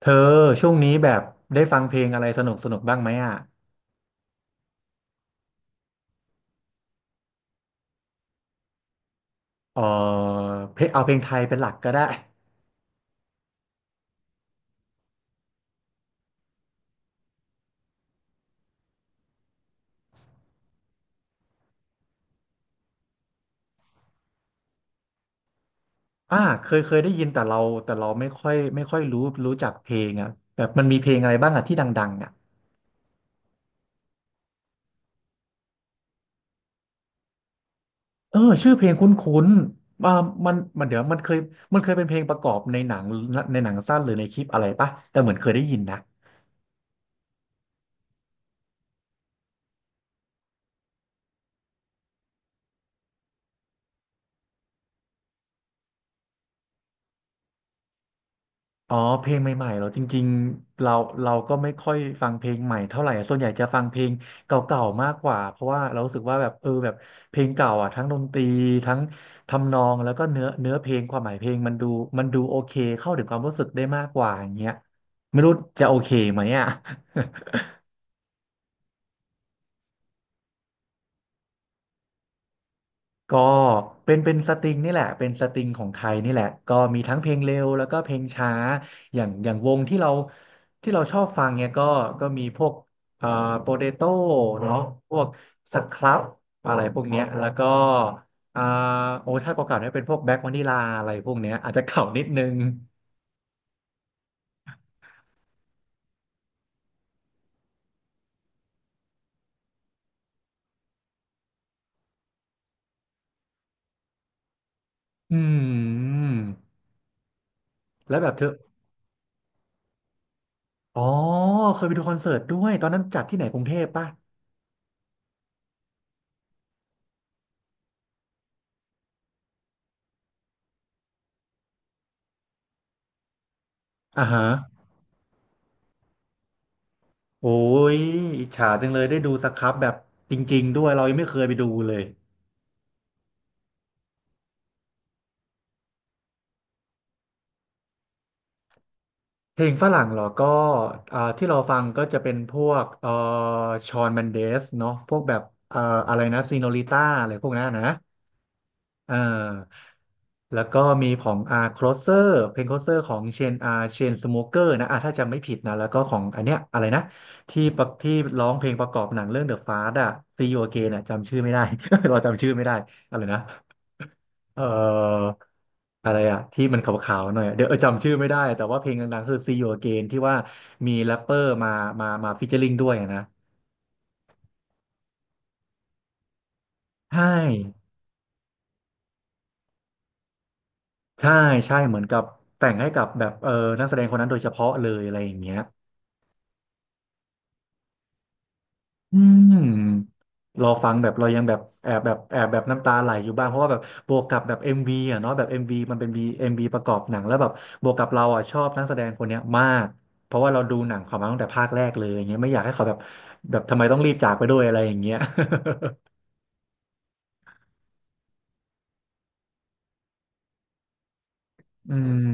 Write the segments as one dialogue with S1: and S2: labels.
S1: เธอช่วงนี้แบบได้ฟังเพลงอะไรสนุกสนุกบ้างไหมอ่ะเออเพลงเอาเพลงไทยเป็นหลักก็ได้อ่าเคยได้ยินแต่เราแต่เราไม่ค่อยรู้จักเพลงอ่ะแบบมันมีเพลงอะไรบ้างอ่ะที่ดังๆอ่ะเออชื่อเพลงคุ้นๆอ่ามันเดี๋ยวมันเคยเป็นเพลงประกอบในหนังในหนังสั้นหรือในคลิปอะไรปะแต่เหมือนเคยได้ยินนะ อ๋อเพลงใหม่ๆเหรอจริงๆเราก็ไม่ค่อยฟังเพลงใหม่เท่าไหร่อะส่วนใหญ่จะฟังเพลงเก่าๆมากกว่าเพราะว่าเรารู้สึกว่าแบบแบบเพลงเก่าอ่ะทั้งดนตรีทั้งทำนองแล้วก็เนื้อเพลงความหมายเพลงมันดูโอเคเข้าถึงความรู้สึกได้มากกว่าอย่างเงี้ยไม่รู้จะโอเคไหมอ่ะ ก็เป็นสตริงนี่แหละเป็นสตริงของไทยนี่แหละก็มีทั้งเพลงเร็วแล้วก็เพลงช้าอย่างวงที่เราที่เราชอบฟังเนี่ยก็มีพวกเอ่าโปเตโต้เนาะพวกสครับอะไรพวกเนี้ยแล้วก็อ่าโอ้ถ้าเก่าๆเนี่ยเป็นพวกแบ็ควานิลาอะไรพวกเนี้ยอาจจะเก่านิดนึงอืมแล้วแบบเธออ๋อเคยไปดูคอนเสิร์ตด้วยตอนนั้นจัดที่ไหนกรุงเทพป่ะอ่าฮะ โอ้ยอิจฉาจังเลยได้ดูสครับแบบจริงๆด้วยเรายังไม่เคยไปดูเลยเพลงฝรั่งเหรอก็อ่าที่เราฟังก็จะเป็นพวกชอนเมนเดสเนาะพวกแบบเอ่ออะไรนะซีโนลิต้าอะไรพวกนั้นนะ อ่าแล้วก็มีของอาร์ครเซอร์เพลงค l o เซอร์ของเชนอาร์เชนสโมเกอร์นะอ่าถ้าจำไม่ผิดนะแล้วก็ของอันเนี้ยอะไรนะที่ประที่ร้องเพลงประกอบหนังเรื่องเดอะฟา t อะซีโอเกนอะจำชื่อไม่ได้ เราจำชื่อไม่ได้อะไรนะเอ่ออะไรอะที่มันขาวๆหน่อยอะเดี๋ยวเออจำชื่อไม่ได้แต่ว่าเพลงดังๆคือ See You Again ที่ว่ามีแรปเปอร์มามาฟีเจอริงด้วยอะนะใช่ ใช่ใช่เหมือนกับแต่งให้กับแบบเออนักแสดงคนนั้นโดยเฉพาะเลยอะไรอย่างเงี้ยอืมรอฟังแบบเรายังแบบแอบแบบแอบแบบน้ำตาไหลอยู่บ้างเพราะว่าแบบบวกกับแบบเอ็มวีอ่ะเนาะแบบเอ็มวีมันเป็นบีเอ็มวีประกอบหนังแล้วแบบบวกกับเราอ่ะชอบนักแสดงคนเนี้ยมากเพราะว่าเราดูหนังเขามาตั้งแต่ภาคแรกเลยอย่างเงี้ยไม่อยากให้เขาแบบแบบทำไมต้องรีบจากไปด้วยอะไรอย่างเงี้ย อืม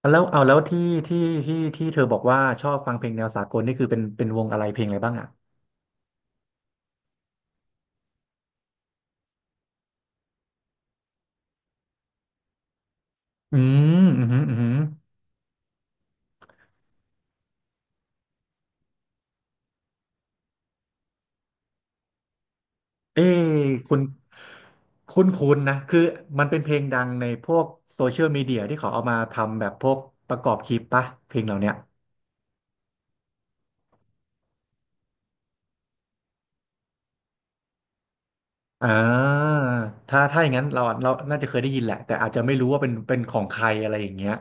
S1: แล้วเอาแล้วที่ที่เธอบอกว่าชอบฟังเพลงแนวสากลนี่คือเป็นวงอะไรเพลงอะไรบ้างอ่ะอืมอืมอืม เอ้คุณคุณคุณนะคือมันเป็นเพลงดังในพวกโซเชียลมีเดียที่เขาเอามาทำแบบพวกประกอบคลิปปะเพลงเหล่าเนี้ยอ่าถ้าอย่างนั้นเราน่าจะเคยได้ยินแหละ แต่อาจจะไม่รู้ว่าเป็นของใครอะไรอย่างเงี้ย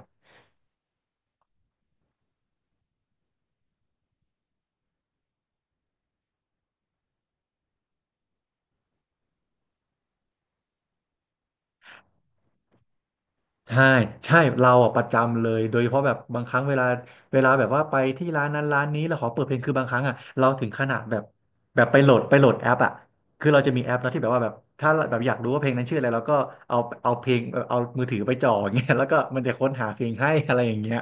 S1: ใช่ใช่เราอ่ะประจำเลยโดยเฉพาะแบบบางครั้งเวลาแบบว่าไปที่ร้านนั้นร้านนี้แล้วขอเปิดเพลงคือบางครั้งอ่ะเราถึงขนาดแบบแบบไปโหลดแอปอ่ะคือเราจะมีแอปแล้วที่แบบว่าแบบถ้าแบบอยากรู้ว่าเพลงนั้นชื่ออะไรเราก็เอาเอาเพลงเอามือถือไปจ่ออย่างเงี้ยแล้วก็มันจะค้นหาเพลงให้ อะไรอย่างเงี้ย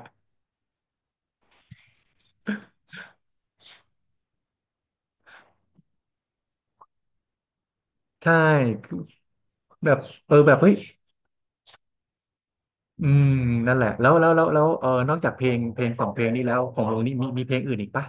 S1: ใช่คือแบบเออแบบเฮ้ยอืมนั่นแหละแล้วเออนอกจากเพลงสองเพลงนี้แล้วของวงนี้มีเพลงอื่นอีกปะ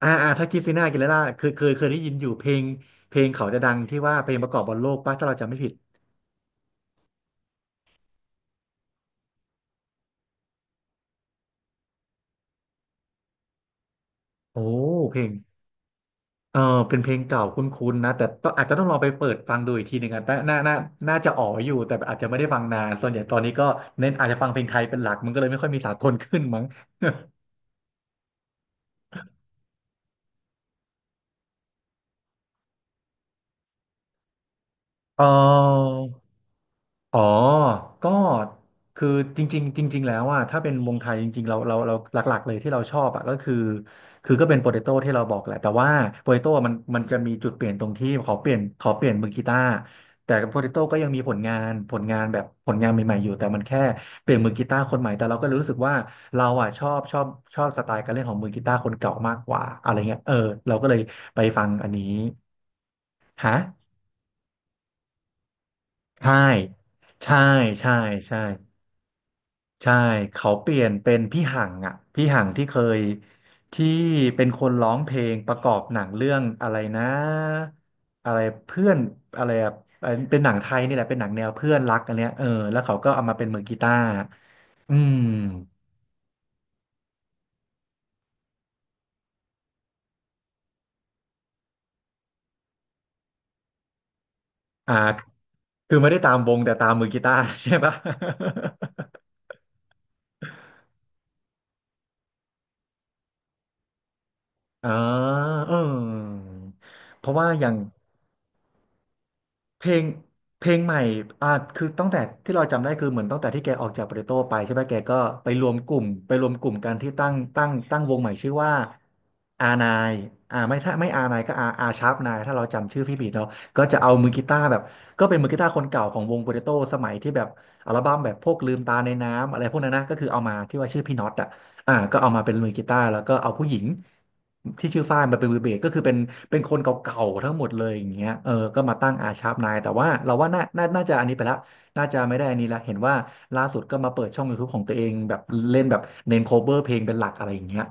S1: อ่าอ่าถ้าคริสติน่าอากิเลร่าเคยได้ยินอยู่เพลงเขาจะดังที่ว่าเพลงประกอบบอลโลกป่ะถ้าเราจำไม่ผิดโอ้เพลงเออเป็นเพลงเก่าคุ้นๆนะแต่ต้องอาจจะต้องลองไปเปิดฟังดูอีกทีหนึ่งอ่ะแต่น่าจะอ๋ออยู่แต่อาจจะไม่ได้ฟังนานส่วนใหญ่ตอนนี้ก็เน้นอาจจะฟังเพลงไทยเป็นหลักมันก็เลยไม่ค่อยมีสากลขึ้นมั้ง เออ อ๋อก็คือจริงๆจริงๆ แล้วอ่ะถ้าเป็นวงไทยจริงๆเราหลักๆเลยที่เราชอบอ่ะก็คือคือก็เป็นโปเตโต้ที่เราบอกแหละแต่ว่าโปเตโต้มันจะมีจุดเปลี่ยนตรงที่ขอเปลี่ยนมือกีตาร์แต่โปเตโต้ก็ยังมีผลงานผลงานแบบผลงานใหม่ๆอยู่แต่มันแค่เปลี่ยนมือกีตาร์คนใหม่ แต่เราก็รู้สึกว่าเราอ่ะชอบสไตล์การเล่นของมือกีตาร์คนเก่ามากกว่าอะไรเงี้ยเออเราก็เลยไปฟังอันนี้ฮะใช่ใช่ใช่ใช่ ใช่เขาเปลี่ยนเป็นพี่หังอ่ะพี่หังที่เป็นคนร้องเพลงประกอบหนังเรื่องอะไรนะอะไรเพื่อนอะไรอะเป็นหนังไทยนี่แหละเป็นหนังแนวเพื่อนรักอันเนี้ยเออแล้วเขาก็เอามาเป็นมือกีตาร์อืมอ่าคือไม่ได้ตามวงแต่ตามมือกีตาร์ ใช่ปะ อ่าเออเพราะว่าอย่าง เพลงเพลงใหม่อ่าคือตั้งแต่ที่เราจำได้คือเหมือนตั้งแต่ที่แกออกจากโปาเตโต้ไปใช่ไหมแกก็ไปรวมกลุ่มกันที่ตั้งวงใหม่ชื่อว่าอานายอ่าไม่ถ้าไม่อานายก็อาชาร์ปนายถ้าเราจำชื่อพี่ผิดเนาะก็จะเอามือกีตาร์แบบก็เป็นมือกีตาร์คนเก่าของวงโปาเตโต้สมัยที่แบบอัลบั้มแบบพวกลืมตาในน้ำอะไรพวกนั้นนะก็คือเอามาที่ว่าชื่อพี่น็อตอะ อ่าก็เอามาเป็นมือกีตาร์แล้วก็เอาผู้หญิงที่ชื่อฝ้ายมาเป็นมือเบสก็คือเป็นเป็นคนเก่าๆทั้งหมดเลยอย่างเงี้ยเออก็มาตั้งอาชาร์ปนายแต่ว่าเราว่าน่าจะอันนี้ไปละน่าจะไม่ได้อันนี้ละเห็นว่าล่าสุดก็มาเปิดช่องยูทูบของตัวเองแบบเล่นแบบเน้นโคเ e อร์เพลงเป็นหลักอะไรอย่างเงี้ย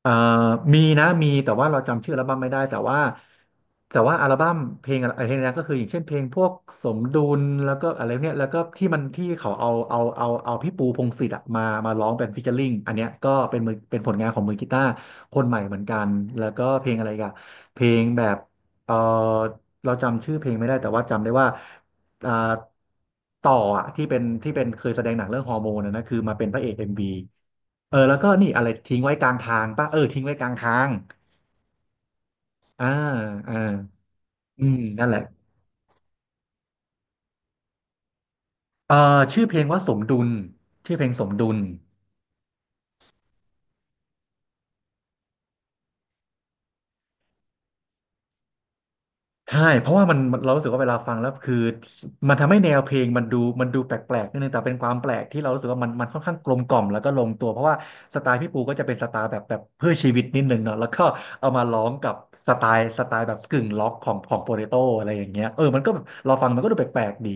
S1: เอ่อมีนะมีแต่ว่าเราจำชื่ออัลบั้มไม่ได้แต่ว่าแต่ว่าอัลบั้มเพลงอะไรเพลงนั้นก็คืออย่างเช่นเพลงพวกสมดุลแล้วก็อะไรเนี่ยแล้วก็ที่มันที่เขาเอาพี่ปูพงษ์สิทธิ์อะมาร้องเป็นฟีเจอริ่งอันเนี้ยก็เป็นมือเป็นผลงานของมือกีตาร์คนใหม่เหมือนกันแล้วก็เพลงอะไรอีกันเพลงแบบเออเราจำชื่อเพลงไม่ได้แต่ว่าจำได้ว่าอ่าต่ออะที่เป็นเคยแสดงหนังเรื่องฮอร์โมนอะนะคือมาเป็นพระเอกเอ็มวี เออแล้วก็นี่อะไรทิ้งไว้กลางทางป่ะเออทิ้งไว้กลางทางอ่าอ่าอืมนั่นแหละเออชื่อเพลงว่าสมดุลชื่อเพลงสมดุลใช่เพราะว่ามันเรารู้สึกว่าเวลาฟังแล้วคือมันทำให้แนวเพลงมันดูแปลกๆนิดนึงแต่เป็นความแปลกที่เรารู้สึกว่ามันค่อนข้างกลมกล่อมแล้วก็ลงตัวเพราะว่าสไตล์พี่ปูก็จะเป็นสไตล์แบบเพื่อชีวิตนิดนึงเนาะแล้วก็เอามาร้องกับสไตล์แบบกึ่งล็อกของของโปเตโต้อะไรอย่างเงี้ยเออมันก็เราฟังมันก็ดูแปลกๆดี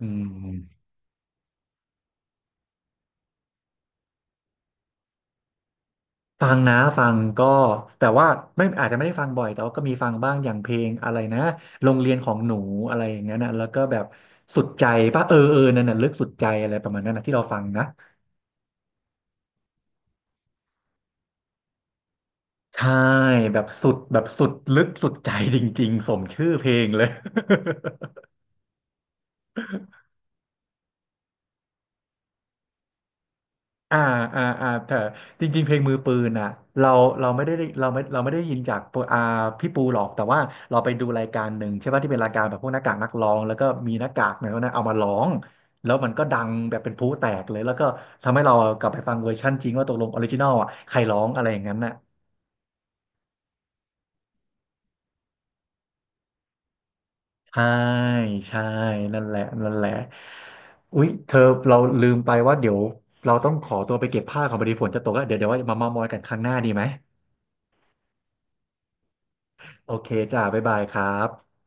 S1: อืม ฟังนะฟังก็แต่ว่าไม่อาจจะไม่ได้ฟังบ่อยแต่ว่าก็มีฟังบ้างอย่างเพลงอะไรนะโรงเรียนของหนูอะไรอย่างเงี้ยนะแล้วก็แบบสุดใจป่ะเออนั่นน่ะลึกสุดใจอะไรประมาณนั้นนะที่เราฟังนะใช่แบบสุดลึกสุดใจจริงๆสมชื่อเพลงเลย อ่าอ่าแต่จริงๆเพลงมือปืนอ่ะเราเราไม่ได้เราไม่เราไม่ได้ยินจากปพี่ปูหรอกแต่ว่าเราไปดูรายการหนึ่งใช่ป่ะที่เป็นรายการแบบพวกหน้ากากนักร้องแล้วก็มีหน้ากากเนี่ยนะเอามาร้องแล้วมันก็ดังแบบเป็นพลุแตกเลยแล้วก็ทำให้เรากลับไปฟังเวอร์ชั่นจริงว่าตกลงออริจินอลอ่ะใครร้องอะไรอย่างนั้นน่ะใช่ใช่นั่นแหละอุ๊ยเธอเราลืมไปว่าเดี๋ยวเราต้องขอตัวไปเก็บผ้าของพอดีฝนจะตกแล้วเดี๋ยวว่ามาเมามอยกันครั้งหน้าดีไหมโอเคจ้าบ๊ายบายครับ